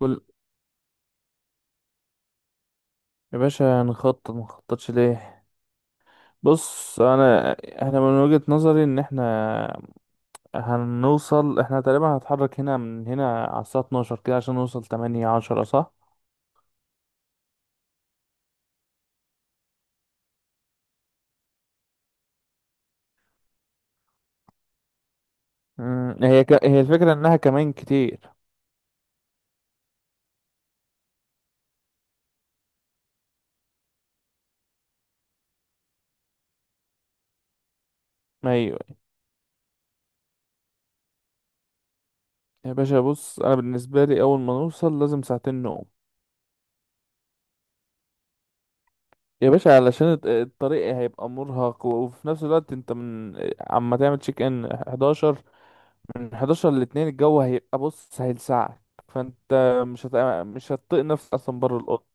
كل يا باشا، نخطط مخططش ليه. بص انا احنا من وجهة نظري ان احنا هنوصل احنا تقريبا هنتحرك من هنا على الساعة 12 كده عشان نوصل 8 10، صح؟ هي الفكرة انها كمان كتير. ايوه. يا باشا، بص انا بالنسبة لي اول ما نوصل لازم ساعتين نوم. يا باشا علشان الطريق هيبقى مرهق وفي نفس الوقت انت من عما تعمل تشيك ان 11، من 11 ل 2 الجو هيبقى بص هيلسعك. فانت مش هت... مش هتطيق نفسك اصلا بره الاوضه.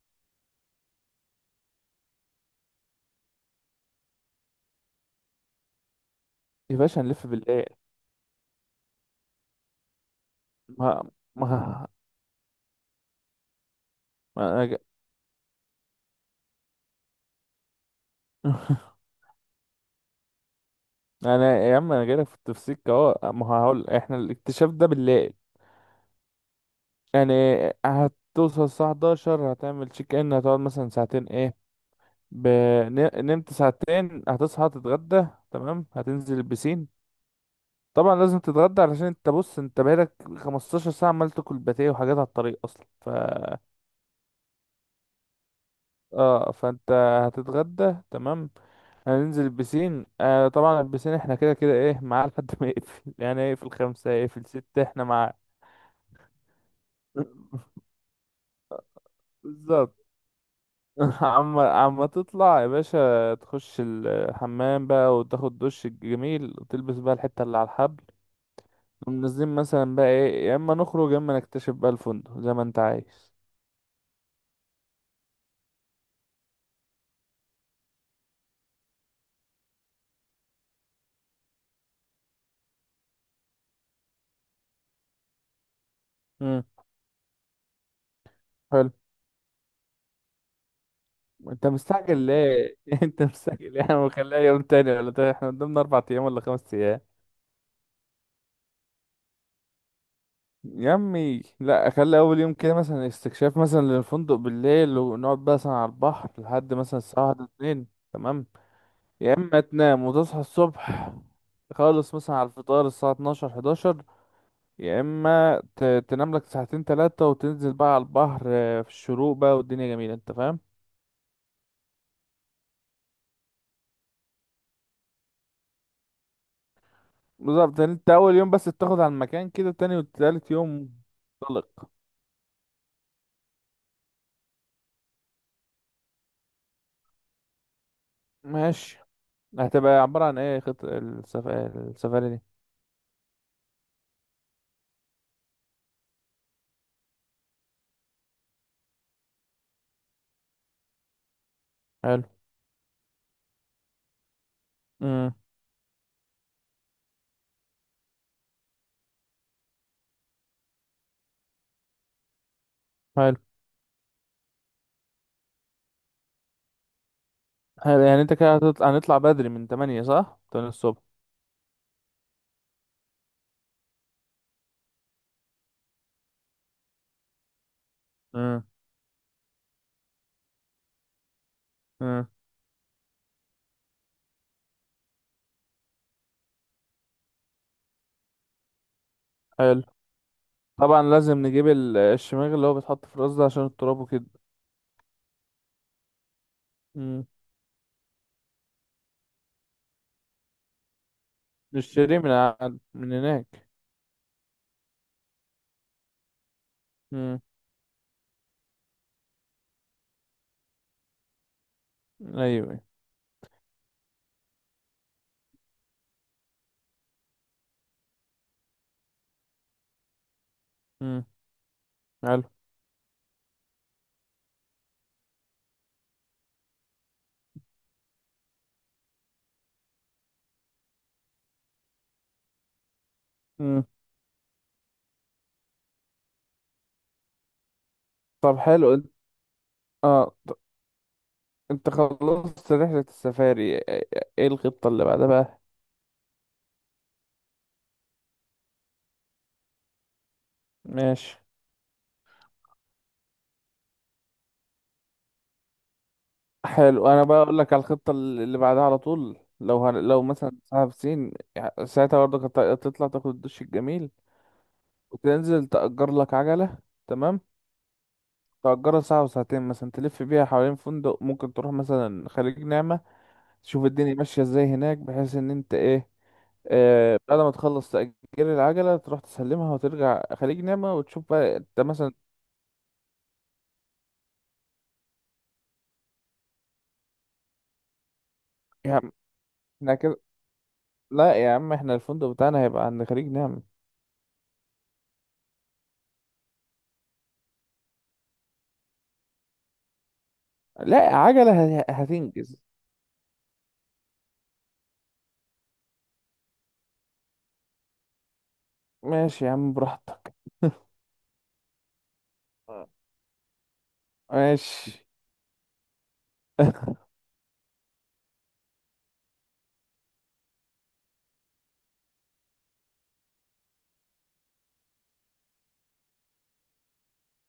يا باشا هنلف بالليل. ما ما, ما انا جا... انا يا عم، انا جايلك في التفسير اهو. ما هقول احنا الاكتشاف ده بالليل. يعني هتوصل الساعه 11، هتعمل تشيك ان، هتقعد مثلا ساعتين، ب... نمت ساعتين، هتصحى تتغدى. تمام، هتنزل البسين. طبعا لازم تتغدى علشان انت، بص، انت بقالك 15 ساعه عمال تاكل باتيه وحاجات على الطريق اصلا. ف اه فانت هتتغدى تمام. هننزل البسين. طبعا البسين احنا كده كده ايه معاه لحد ما يقفل يعني هيقفل خمسة، هيقفل ستة، احنا معاه. بالظبط. عم تطلع يا باشا، تخش الحمام بقى وتاخد دش جميل وتلبس بقى الحتة اللي على الحبل. ونازلين مثلا بقى ايه، يا اما نخرج يا اما نكتشف بقى الفندق زي ما انت عايز. امم. حلو، انت مستعجل ليه؟ انت مستعجل ليه، احنا مخليها يوم تاني ولا تاني؟ احنا قدامنا اربع ايام ولا خمس. يا عمي لا، اخلي اول يوم كده مثلا استكشاف مثلا للفندق بالليل ونقعد بقى مثلا على البحر لحد مثلا الساعه واحدة اتنين. تمام. يا اما تنام وتصحى الصبح خالص مثلا على الفطار الساعه 12 11، يا اما تنام لك ساعتين ثلاثه وتنزل بقى على البحر، في الشروق بقى والدنيا جميله انت فاهم. بالظبط، يعني انت اول يوم بس تاخد على المكان كده، تاني وتالت يوم. طلق. ماشي. هتبقى عباره عن ايه خط السفاري دي؟ حلو. امم. حلو، يعني انت كده هنطلع بدري من 8، صح؟ 8 الصبح. امم. امم. حلو. طبعا لازم نجيب الشماغ اللي هو بيتحط في الراس ده عشان التراب وكده. امم. نشتريه من من هناك. امم. ايوه. امم. حلو. امم. طب حلو، اه ط- انت خلصت رحلة السفاري، ايه ايه الخطة اللي بعدها بقى؟ ماشي. حلو، انا بقى اقول لك على الخطة اللي بعدها على طول. لو مثلا ساعة سين، يعني ساعتها برضه هتطلع تاخد الدش الجميل وتنزل تأجر لك عجلة. تمام. تأجرها ساعة وساعتين، مثلا تلف بيها حوالين فندق، ممكن تروح مثلا خليج نعمة، تشوف الدنيا ماشية ازاي هناك، بحيث ان انت ايه. بعد ما تخلص تأجير العجلة، تروح تسلمها وترجع خليج نعمة وتشوف بقى انت مثلا. يا عم احنا كده لا يا عم، احنا الفندق بتاعنا هيبقى عند خليج نعمة. لا، عجلة هتنجز. ماشي يا عم، براحتك. ماشي.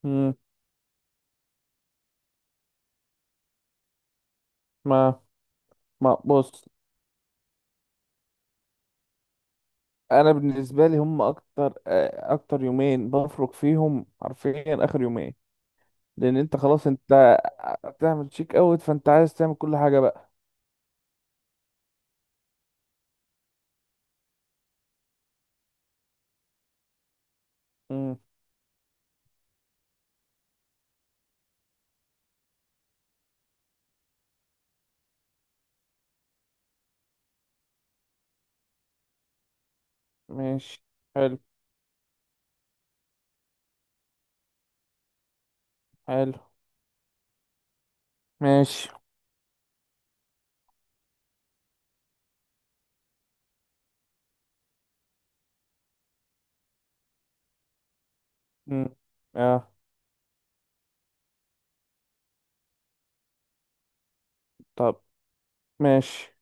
مم، ما ما بص، انا بالنسبه لي هم اكتر يومين بفرق فيهم حرفيا اخر يومين. لان انت خلاص، انت بتعمل شيك اوت، فانت عايز تعمل كل حاجه بقى. امم. ماشي. حلو. حلو. ماشي. امم. اه. طب ماشي.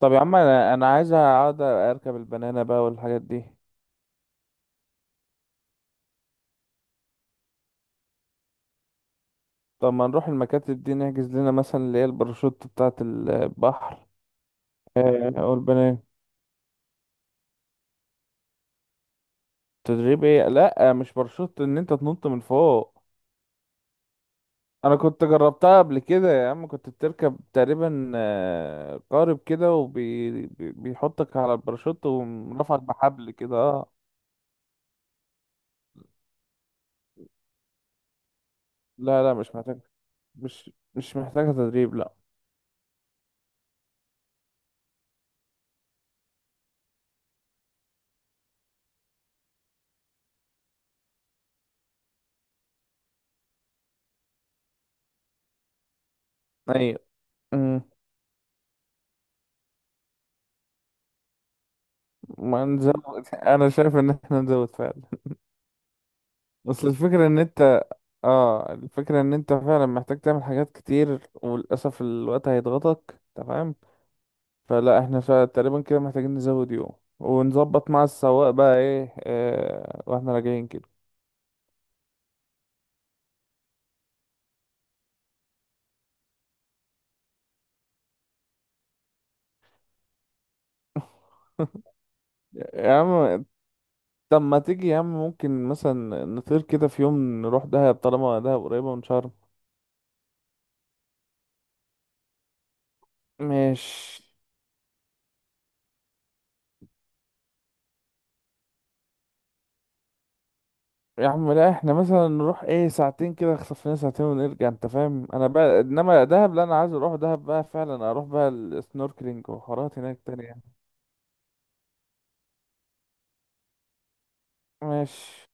طب يا عم، انا عايز اقعد اركب البنانه بقى والحاجات دي. طب ما نروح المكاتب دي نحجز لنا مثلا اللي هي الباراشوت بتاعه البحر. آه، او البنانه. تدريب ايه، لا مش باراشوت ان انت تنط من فوق. انا كنت جربتها قبل كده يا عم، كنت بتركب تقريبا قارب كده وبيحطك على الباراشوت ورفعك بحبل كده، اه. لا لا مش محتاج. مش محتاجة تدريب، لا. ايوه. أمم، ما نزود. انا شايف ان احنا نزود فعلا. بس الفكرة ان انت فعلا محتاج تعمل حاجات كتير وللأسف الوقت هيضغطك. تمام. فلا احنا تقريبا كده محتاجين نزود يوم ونظبط مع السواق بقى ايه اه واحنا راجعين كده. يا عم، طب ما تيجي يا عم، ممكن مثلا نطير كده في يوم نروح دهب طالما دهب قريبة من شرم. ماشي يا عم، لا احنا مثلا نروح ايه ساعتين كده، نخطف لنا ساعتين ونرجع انت فاهم. انا بقى انما دهب، لا انا عايز اروح دهب بقى فعلا اروح بقى السنوركلينج وحوارات هناك تانية. ماشي.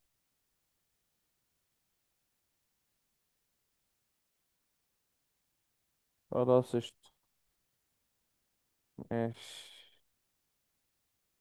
خلاص قشطة. ماشي.